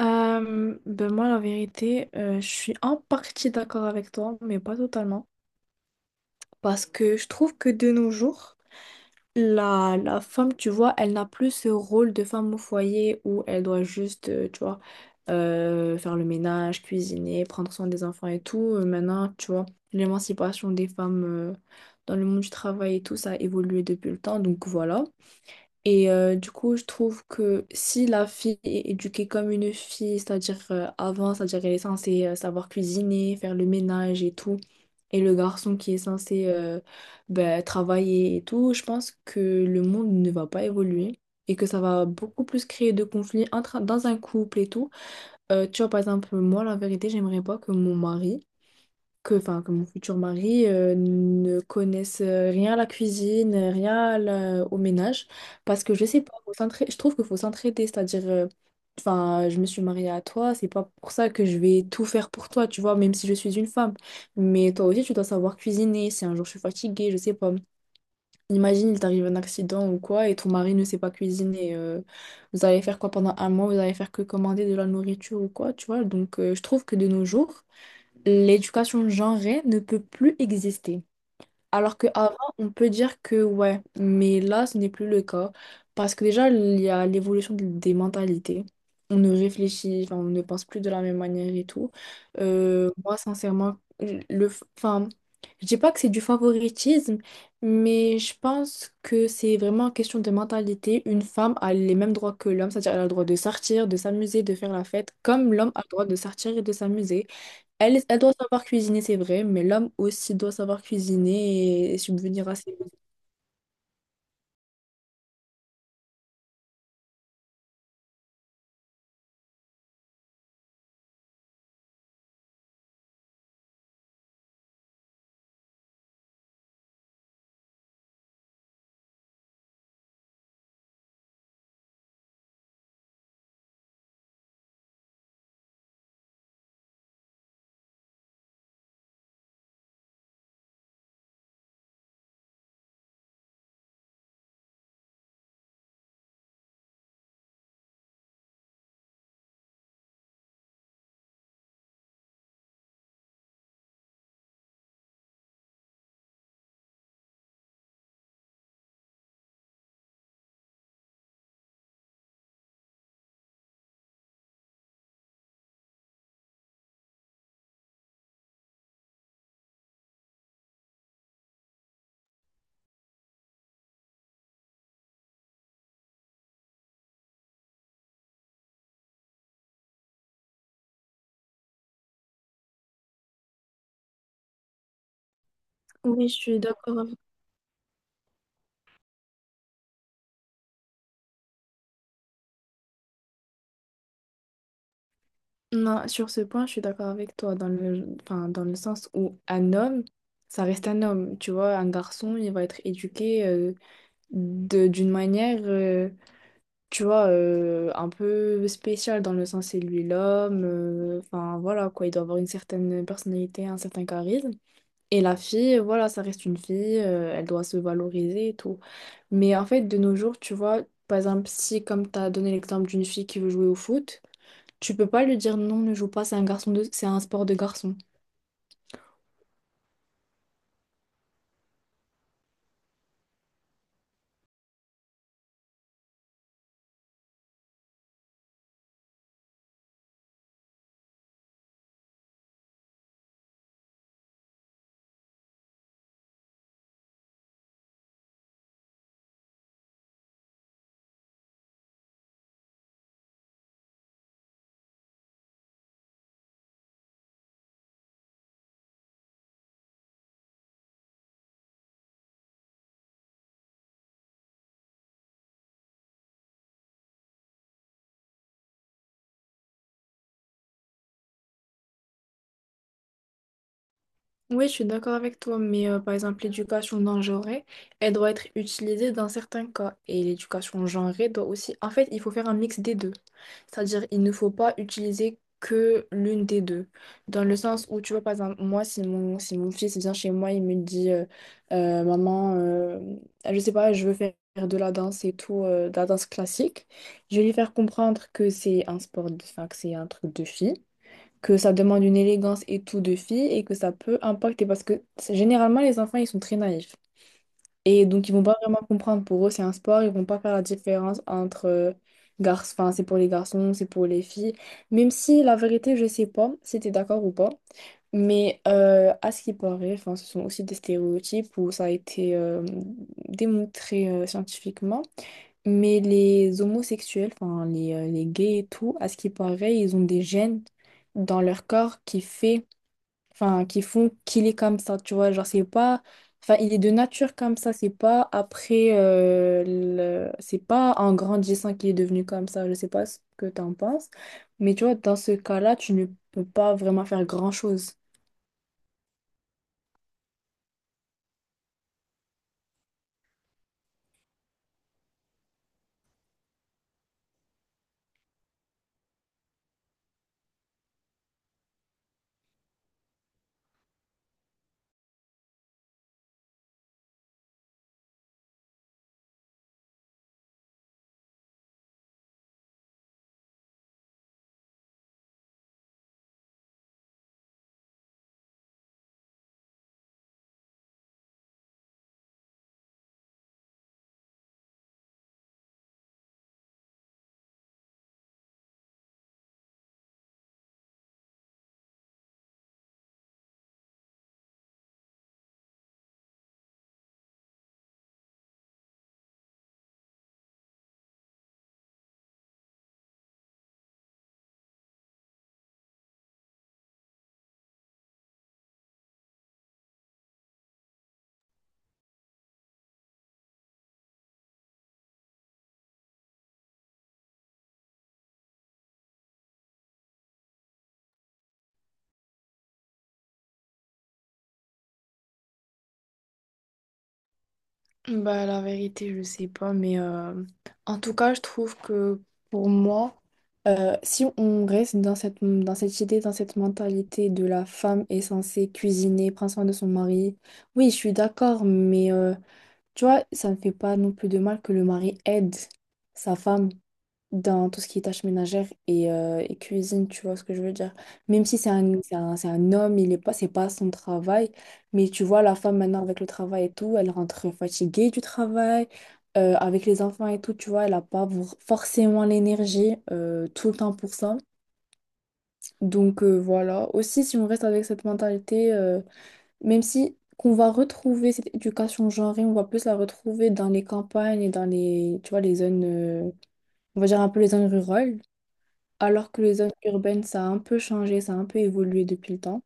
Ben moi, la vérité, je suis en partie d'accord avec toi, mais pas totalement. Parce que je trouve que de nos jours, la femme, tu vois, elle n'a plus ce rôle de femme au foyer où elle doit juste, tu vois, faire le ménage, cuisiner, prendre soin des enfants et tout. Maintenant, tu vois, l'émancipation des femmes, dans le monde du travail et tout, ça a évolué depuis le temps. Donc voilà. Et du coup, je trouve que si la fille est éduquée comme une fille, c'est-à-dire avant, c'est-à-dire elle est censée savoir cuisiner, faire le ménage et tout, et le garçon qui est censé ben, travailler et tout, je pense que le monde ne va pas évoluer et que ça va beaucoup plus créer de conflits entre, dans un couple et tout. Tu vois, par exemple, moi, la vérité, j'aimerais pas que mon mari que, enfin, que mon futur mari ne connaisse rien à la cuisine, rien au ménage, parce que je sais pas, je trouve qu'il faut s'entraider, c'est-à-dire, enfin, je me suis mariée à toi, c'est pas pour ça que je vais tout faire pour toi, tu vois, même si je suis une femme, mais toi aussi, tu dois savoir cuisiner, si un jour je suis fatiguée, je sais pas, imagine, il t'arrive un accident ou quoi, et ton mari ne sait pas cuisiner, vous allez faire quoi pendant un mois, vous allez faire que commander de la nourriture ou quoi, tu vois, donc je trouve que de nos jours, l'éducation genrée ne peut plus exister. Alors qu'avant, on peut dire que ouais, mais là, ce n'est plus le cas. Parce que déjà, il y a l'évolution des mentalités. On ne réfléchit, enfin, on ne pense plus de la même manière et tout. Moi, sincèrement, enfin, je dis pas que c'est du favoritisme, mais je pense que c'est vraiment question de mentalité. Une femme a les mêmes droits que l'homme, c'est-à-dire elle a le droit de sortir, de s'amuser, de faire la fête, comme l'homme a le droit de sortir et de s'amuser. Elle, elle doit savoir cuisiner, c'est vrai, mais l'homme aussi doit savoir cuisiner et subvenir à ses besoins. Oui, je suis d'accord avec… Non, sur ce point, je suis d'accord avec toi, dans le… Enfin, dans le sens où un homme, ça reste un homme, tu vois, un garçon, il va être éduqué de… d'une manière, tu vois, un peu spéciale, dans le sens, c'est lui l'homme, enfin, voilà, quoi, il doit avoir une certaine personnalité, un certain charisme. Et la fille, voilà, ça reste une fille, elle doit se valoriser et tout. Mais en fait, de nos jours, tu vois, par exemple, si comme tu as donné l'exemple d'une fille qui veut jouer au foot, tu peux pas lui dire non, ne joue pas, c'est un garçon de… c'est un sport de garçon. Oui, je suis d'accord avec toi, mais par exemple, l'éducation non genrée, elle doit être utilisée dans certains cas. Et l'éducation genrée doit aussi… En fait, il faut faire un mix des deux. C'est-à-dire, il ne faut pas utiliser que l'une des deux. Dans le sens où, tu vois, par exemple, moi, si mon fils vient chez moi, il me dit, maman, je sais pas, je veux faire de la danse et tout, de la danse classique, je vais lui faire comprendre que c'est un sport, de, enfin, que c'est un truc de fille, que ça demande une élégance et tout de fille et que ça peut impacter parce que généralement, les enfants, ils sont très naïfs. Et donc, ils vont pas vraiment comprendre. Pour eux, c'est un sport. Ils vont pas faire la différence entre garçons. Enfin, c'est pour les garçons, c'est pour les filles. Même si, la vérité, je sais pas si t'es d'accord ou pas. Mais à ce qui paraît, enfin, ce sont aussi des stéréotypes où ça a été démontré scientifiquement. Mais les homosexuels, enfin, les gays et tout, à ce qui paraît, ils ont des gènes dans leur corps qui fait enfin, qui font qu'il est comme ça, tu vois. Genre, c'est pas, enfin, il est de nature comme ça, c'est pas après, c'est pas en grandissant qu'il est devenu comme ça. Je sais pas ce que t'en penses, mais tu vois, dans ce cas-là, tu ne peux pas vraiment faire grand-chose. Bah, la vérité, je sais pas, mais en tout cas, je trouve que pour moi, si on reste dans cette idée, dans cette mentalité de la femme est censée cuisiner, prendre soin de son mari, oui, je suis d'accord, mais tu vois, ça ne fait pas non plus de mal que le mari aide sa femme dans tout ce qui est tâches ménagères et cuisine, tu vois ce que je veux dire. Même si c'est un homme, il est pas, c'est pas son travail, mais tu vois, la femme maintenant avec le travail et tout, elle rentre fatiguée du travail, avec les enfants et tout, tu vois, elle n'a pas forcément l'énergie tout le temps pour ça. Donc voilà, aussi si on reste avec cette mentalité… même si qu'on va retrouver cette éducation genrée, on va plus la retrouver dans les campagnes et dans les, tu vois, les zones, on va dire un peu les zones rurales, alors que les zones urbaines, ça a un peu changé, ça a un peu évolué depuis le temps.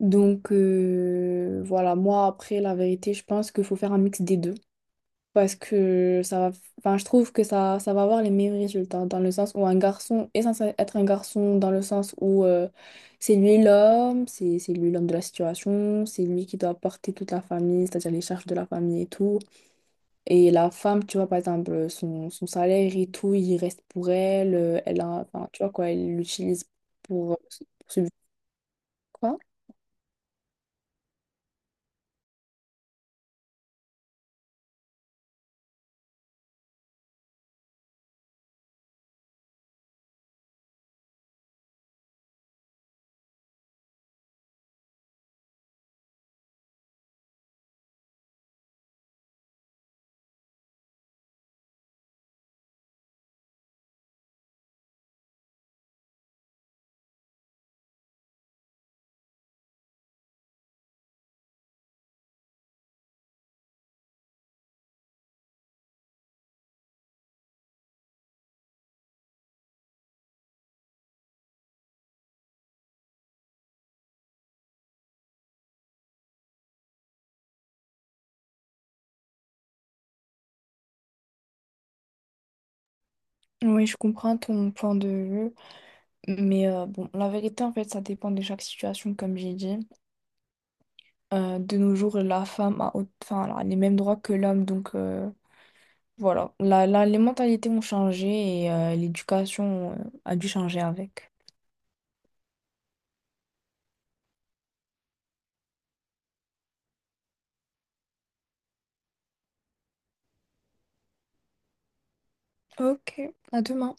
Donc voilà, moi après, la vérité, je pense qu'il faut faire un mix des deux parce que ça va, enfin, je trouve que ça va avoir les meilleurs résultats dans le sens où un garçon est censé être un garçon, dans le sens où c'est lui l'homme, c'est lui l'homme de la situation, c'est lui qui doit porter toute la famille, c'est-à-dire les charges de la famille et tout. Et la femme, tu vois, par exemple, son salaire et tout, il reste pour elle, elle a, enfin, tu vois quoi, elle l'utilise pour, euh, pour subvenir, quoi. Oui, je comprends ton point de vue, mais bon, la vérité, en fait, ça dépend de chaque situation, comme j'ai dit. De nos jours, la femme a, enfin, elle a les mêmes droits que l'homme. Donc voilà, les mentalités ont changé et l'éducation a dû changer avec. Ok, à demain.